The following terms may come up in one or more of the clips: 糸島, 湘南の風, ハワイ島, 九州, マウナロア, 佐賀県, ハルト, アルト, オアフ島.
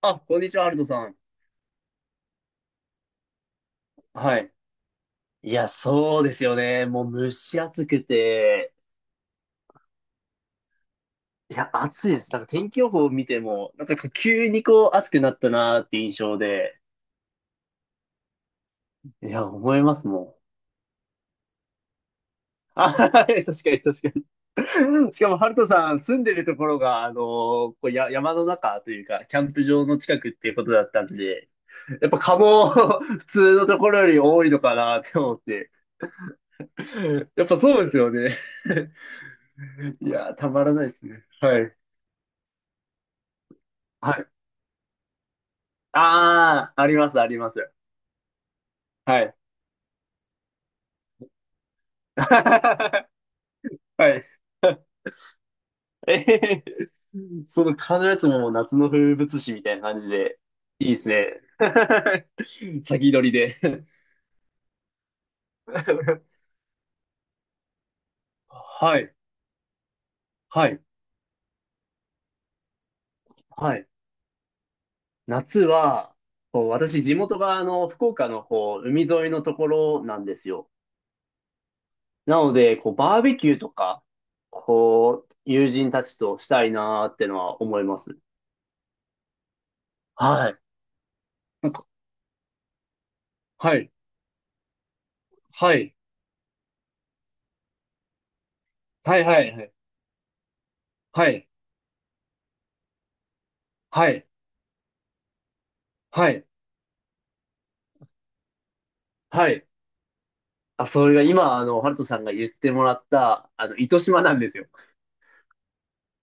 あ、こんにちは、アルトさん。はい。いや、そうですよね。もう蒸し暑くて、いや、暑いです。なんか天気予報を見ても、なんか急にこう暑くなったなーって印象で、いや、思いますもん。あ、はい、確かに、確かに。しかも、ハルトさん住んでるところが、こうや、山の中というか、キャンプ場の近くっていうことだったんで、やっぱ蚊も 普通のところより多いのかなって思って。やっぱそうですよね。いや、たまらないですね。はい。はい。ああ、あります、あります。はい。はい。えへへ、その風のやつももう夏の風物詩みたいな感じで、いいですね。先取りで。はい、はい、はい。夏は、こう私、地元があの福岡のこう海沿いのところなんですよ。なので、こうバーベキューとか、こう、友人たちとしたいなーってのは思います。はい。なんか、はい、はい。はい、はい、はい。はい。はい。はい。はい。あ、それが今、あの、ハルトさんが言ってもらった、あの、糸島なんですよ。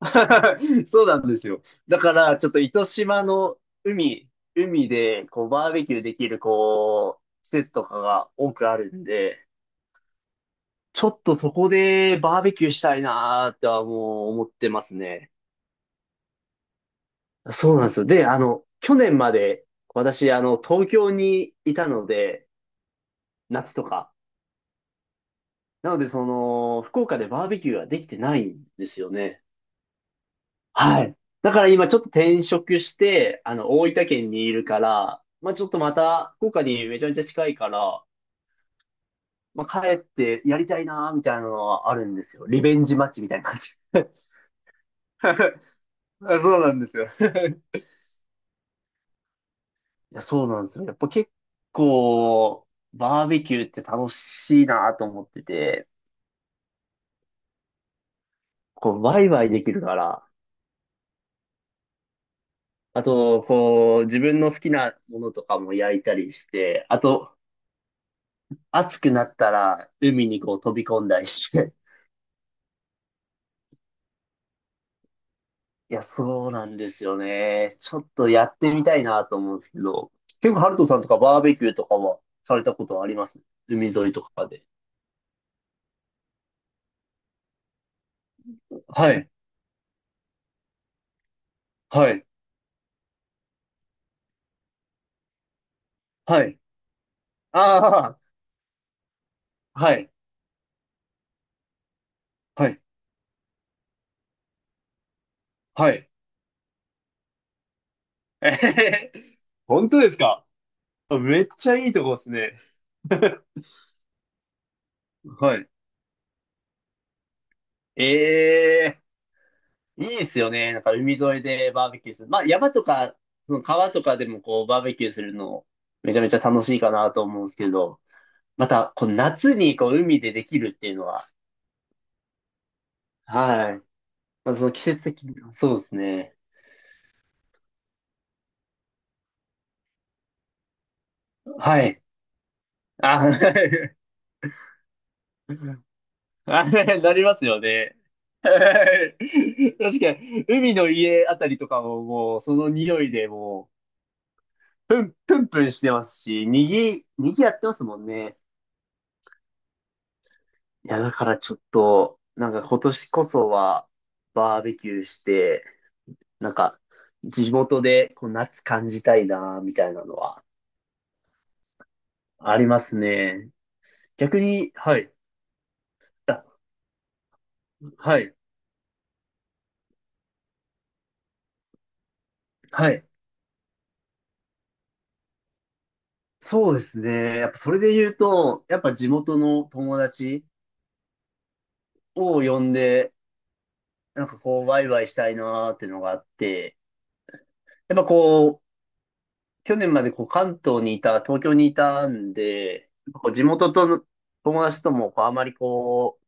そうなんですよ。だから、ちょっと糸島の海、海で、こう、バーベキューできる、こう、施設とかが多くあるんで、ちょっとそこでバーベキューしたいなーってはもう思ってますね。そうなんですよ。で、あの、去年まで、私、あの、東京にいたので、夏とか。なので、その、福岡でバーベキューができてないんですよね。はい。い。だから今ちょっと転職して、あの、大分県にいるから、まあちょっとまた、福岡にめちゃめちゃ近いから、まあ帰ってやりたいなーみたいなのはあるんですよ。リベンジマッチみたいな感じ。あ、そうなんですよ。いや、そうなんですよ。やっぱ結構、バーベキューって楽しいなと思ってて、こう、ワイワイできるから、あと、こう、自分の好きなものとかも焼いたりして、あと、暑くなったら海にこう飛び込んだりして。いや、そうなんですよね。ちょっとやってみたいなと思うんですけど、結構ハルトさんとかバーベキューとかはされたことはあります？海沿いとかで。はい、はい、はい。ああ、はい、はい、はい。えへへへ。本当ですか？めっちゃいいとこですね。はい。ええ、いいですよね。なんか海沿いでバーベキューする。まあ山とか、その川とかでもこうバーベキューするのめちゃめちゃ楽しいかなと思うんですけど、またこう夏にこう海でできるっていうのは、はい。まあ、その季節的な、そうですね。はい。あ、はい。あ、なりますよね。はい。確かに、海の家あたりとかももうその匂いでもう、プンプンしてますし、にぎやってますもんね。いや、だからちょっと、なんか今年こそは、バーベキューして、なんか、地元でこう夏感じたいな、みたいなのは、ありますね。逆に、はい、あ、はい、はい。そうですね。やっぱそれで言うと、やっぱ地元の友達を呼んで、なんかこう、ワイワイしたいなーってのがあって、やっぱこう、去年までこう関東にいた、東京にいたんで、やっぱこう地元との友達ともこうあまりこう、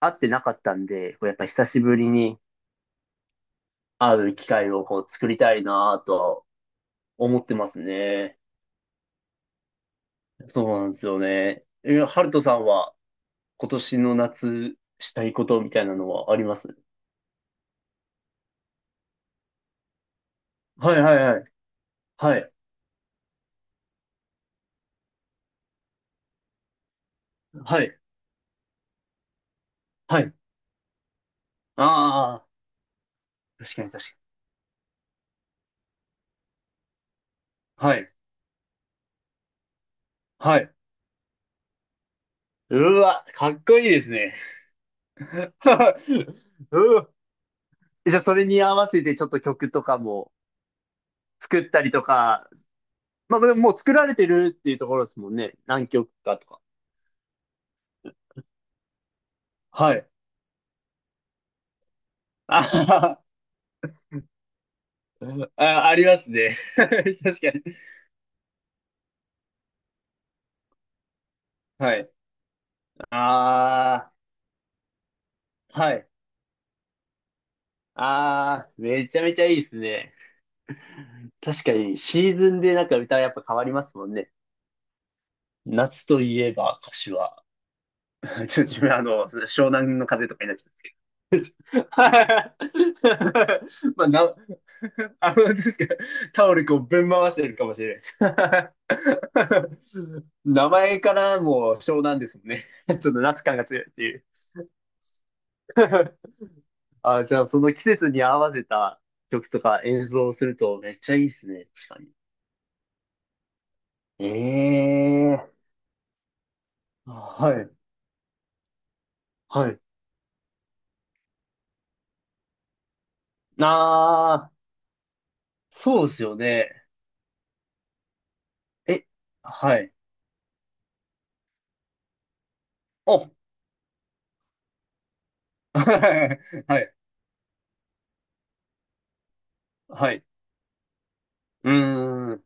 会ってなかったんで、こうやっぱ久しぶりに会う機会をこう作りたいなぁと思ってますね。そうなんですよね。え、ハルトさんは今年の夏したいことみたいなのはあります？はい、はい、はい。はい。はい。はい。ああ、確かに、確かに。はい。はい。うわ、かっこいいですね。うわ、じゃあそれに合わせてちょっと曲とかも作ったりとか、まあ、でももう作られてるっていうところですもんね。何曲かとか。はい。あは、はあ、ありますね。確かに。はい。ああ、はい。ああ、めちゃめちゃいいですね。確かに、シーズンでなんか歌やっぱ変わりますもんね。夏といえば歌詞は。ちょっと自分、あの、湘南の風とかになっちゃうんですけど。まあ、な、あの、ですか、タオルこうぶん回してるかもしれないです。名前からもう湘南ですもんね。ちょっと夏感が強いっていう。あ、じゃあその季節に合わせた曲とか演奏をするとめっちゃいいですね、確かに。ええー、はい、はい。ああ、そうですよね。え、はい。あ、はい。はい。はい。うーん。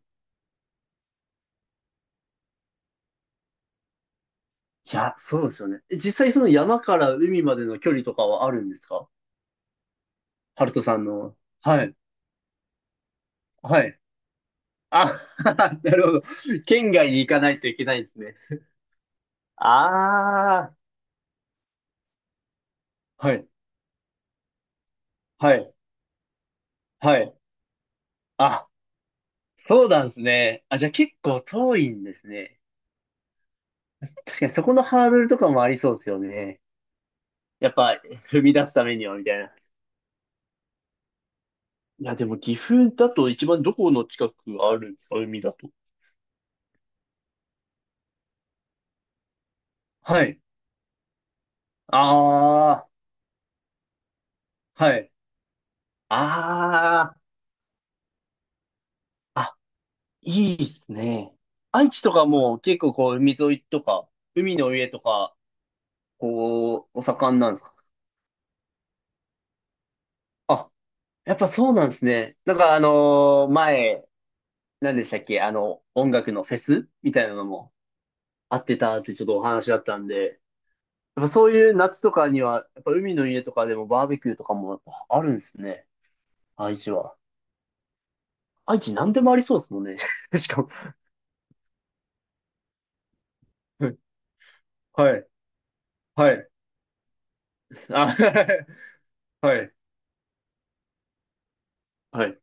いや、そうですよね。え、実際その山から海までの距離とかはあるんですか？ハルトさんの。はい。はい。あ、なるほど。県外に行かないといけないんですね。ああ。はい。はい。はい。あ、そうなんですね。あ、じゃあ結構遠いんですね。確かにそこのハードルとかもありそうですよね。やっぱ踏み出すためにはみたいな。いや、でも岐阜だと一番どこの近くあるんですか？海だと。はい。ああ、はい。ああ、あ、いいっすね。愛知とかもう結構こう海沿いとか、海の上とか、こう、お盛んなんですか？あ、やっぱそうなんですね。なんかあのー前、何でしたっけ、あの、音楽のフェスみたいなのもあってたってちょっとお話だったんで、やっぱそういう夏とかには、やっぱ海の家とかでもバーベキューとかもやっぱあるんですね。愛知は。愛知何でもありそうですもんね。しかも。はい。はい。あ、はい。はい。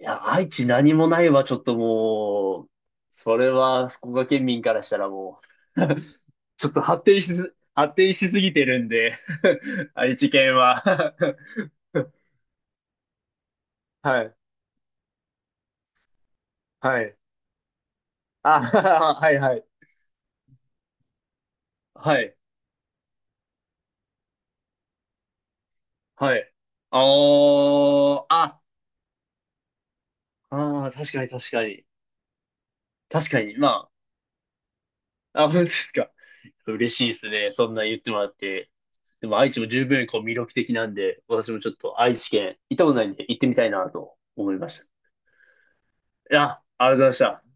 いや、愛知何もないわ、ちょっともう、それは福岡県民からしたらもう、ちょっと発展しすぎてるんで 愛知県は はい。はい。あ、はい、はい。はい、はい。あー、あ、あー、確かに、確かに。確かに。まあ、あ、本当ですか。嬉しいですね。そんな言ってもらって。でも愛知も十分こう魅力的なんで、私もちょっと愛知県行ったことないんで行ってみたいなと思いました。いや、ありがとうございました。